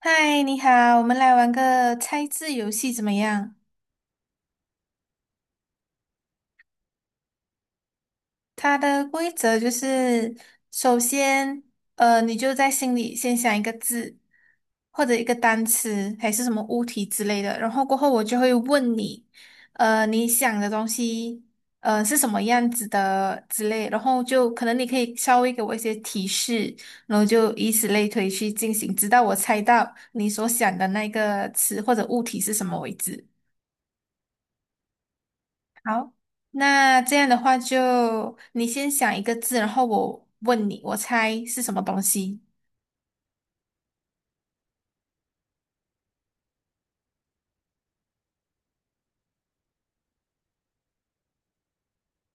嗨，你好，我们来玩个猜字游戏怎么样？它的规则就是，首先，你就在心里先想一个字，或者一个单词，还是什么物体之类的，然后过后我就会问你，你想的东西，是什么样子的之类，然后就可能你可以稍微给我一些提示，然后就以此类推去进行，直到我猜到你所想的那个词或者物体是什么为止。好，那这样的话就你先想一个字，然后我问你，我猜是什么东西。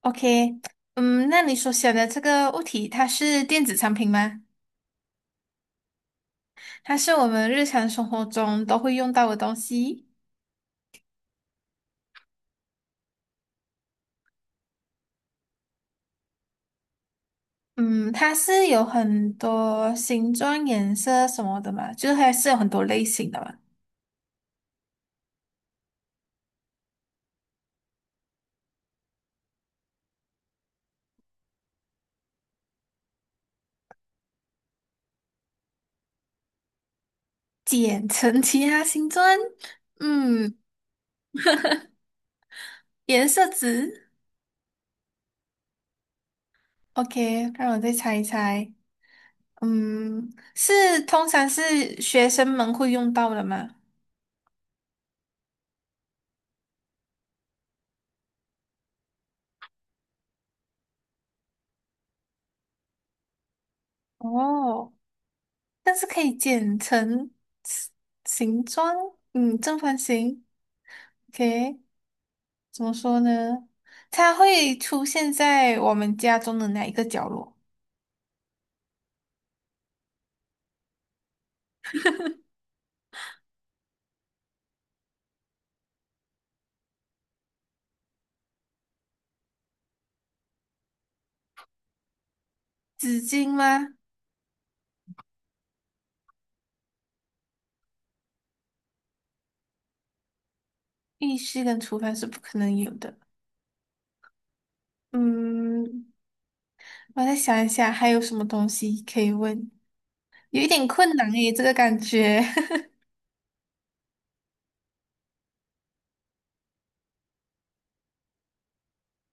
OK，嗯，那你所选的这个物体，它是电子产品吗？它是我们日常生活中都会用到的东西。嗯，它是有很多形状、颜色什么的嘛，就是还是有很多类型的嘛。简称其他形状，嗯，颜色值。OK，让我再猜一猜。嗯，是通常是学生们会用到的吗？哦，但是可以剪成形形状，嗯，正方形。OK，怎么说呢？它会出现在我们家中的哪一个角落？纸巾吗？浴室跟厨房是不可能有的。嗯，我再想一想，还有什么东西可以问？有一点困难诶，这个感觉。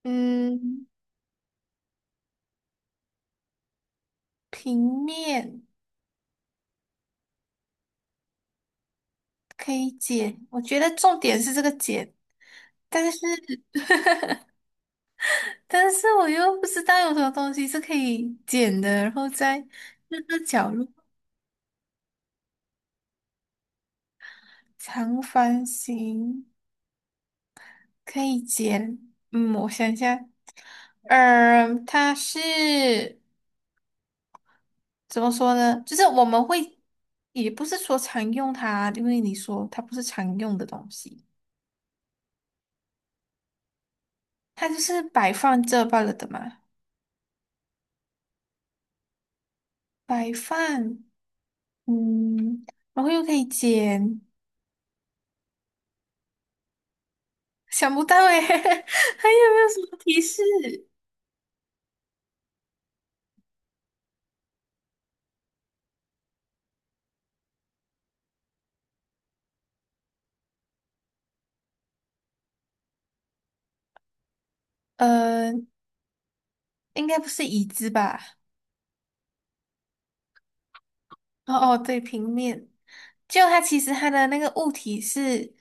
嗯，平面。可以剪，我觉得重点是这个剪，但是我又不知道有什么东西是可以剪的，然后在那个角落长方形可以剪，嗯，我想一下，它是怎么说呢？就是我们会也不是说常用它，因为你说它不是常用的东西，它就是摆放这罢了的嘛，摆放，嗯，然后又可以剪。想不到诶，还有没有什么提示？呃，应该不是椅子吧？哦哦，对，平面。就它其实它的那个物体是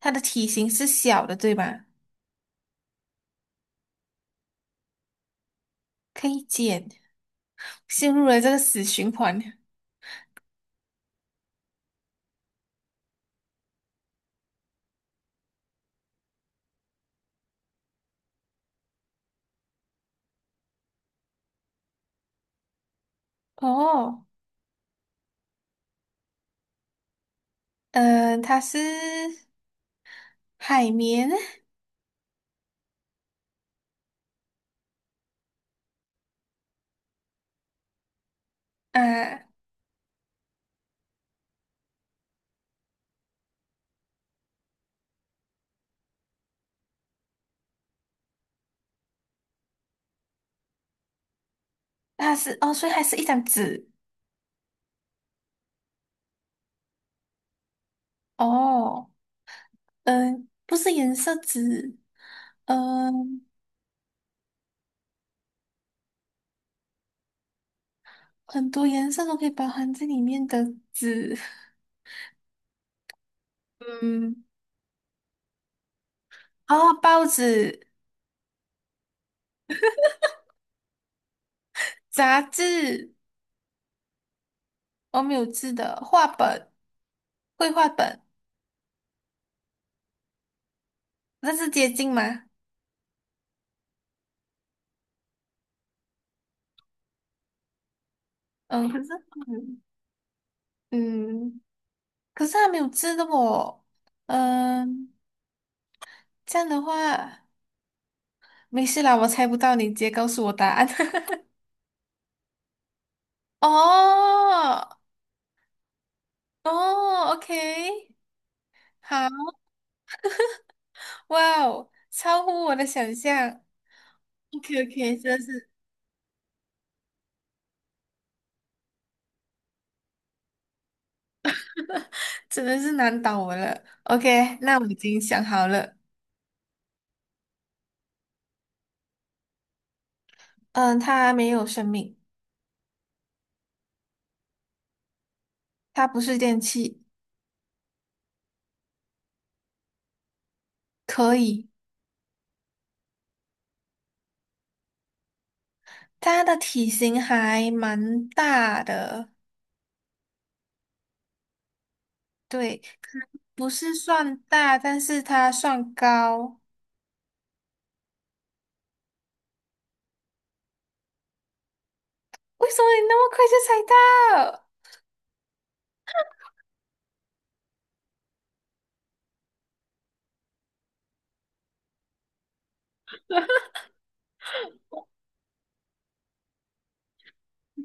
它的体型是小的，对吧？可以减，陷入了这个死循环。哦，嗯、它是海绵啊，它是哦，所以它是一张纸哦，嗯、不是颜色纸，嗯、很多颜色都可以包含在里面的纸，嗯。哦，报纸、杂志，我没有字的，画本、绘画本，那是接近吗？嗯，可是，嗯，嗯可是它没有字的哦。嗯，这样的话，没事啦，我猜不到，你直接告诉我答案。哦，哦，OK，好，哇哦，超乎我的想象。o k o k 真的是难倒我了。OK，那我已经想好了。嗯，他没有生命。它不是电器，可以。它的体型还蛮大的，对，不是算大，但是它算高。为什么你那么快就猜到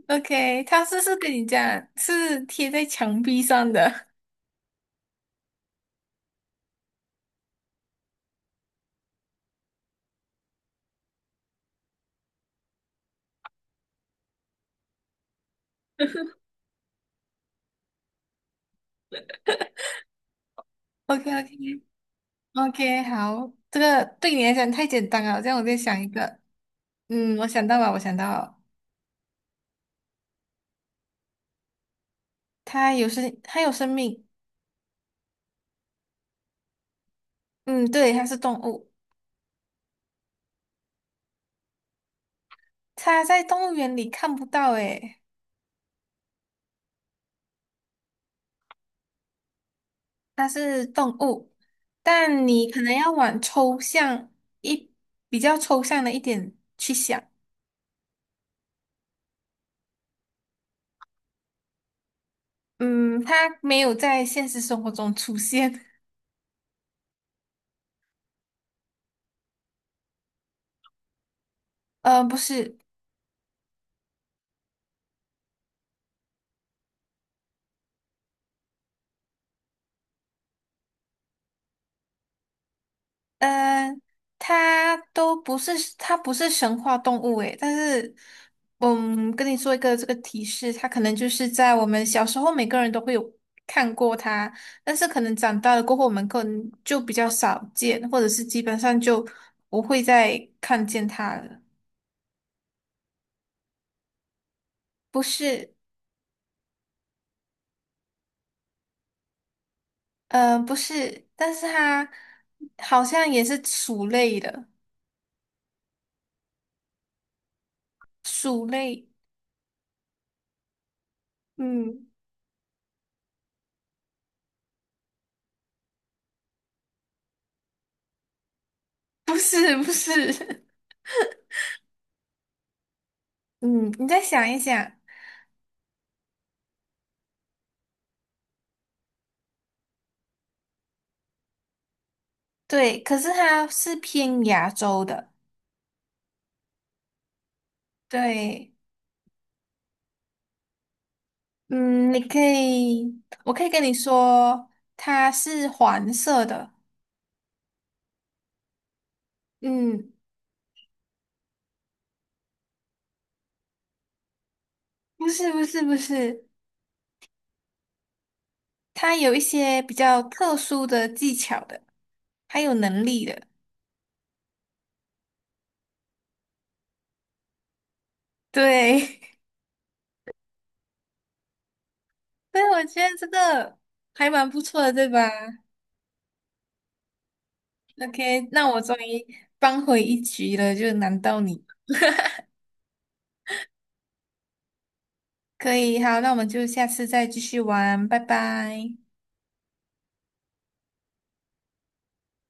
？OK，它是不是跟你讲是贴在墙壁上的 OK OK OK 好，这个对你来讲太简单了，这样我再想一个。嗯，我想到了，我想到了它有生，它有生命。嗯，对，它是动物。它在动物园里看不到，诶。它是动物，但你可能要往抽象一比较抽象的一点去想。嗯，它没有在现实生活中出现。不是，呃，它都不是，它不是神话动物诶。但是，嗯，跟你说一个这个提示，它可能就是在我们小时候每个人都会有看过它，但是可能长大了过后，我们可能就比较少见，或者是基本上就不会再看见它了。不是，嗯，不是，但是它好像也是鼠类的，鼠类，嗯，不是，不是，嗯，你再想一想，对，可是它是偏亚洲的，对，嗯，你可以，我可以跟你说，它是黄色的，嗯，不是，不是，不是，它有一些比较特殊的技巧的，还有能力的，对。对，我觉得这个还蛮不错的，对吧？OK，那我终于扳回一局了，就难到你。可以，好，那我们就下次再继续玩，拜拜。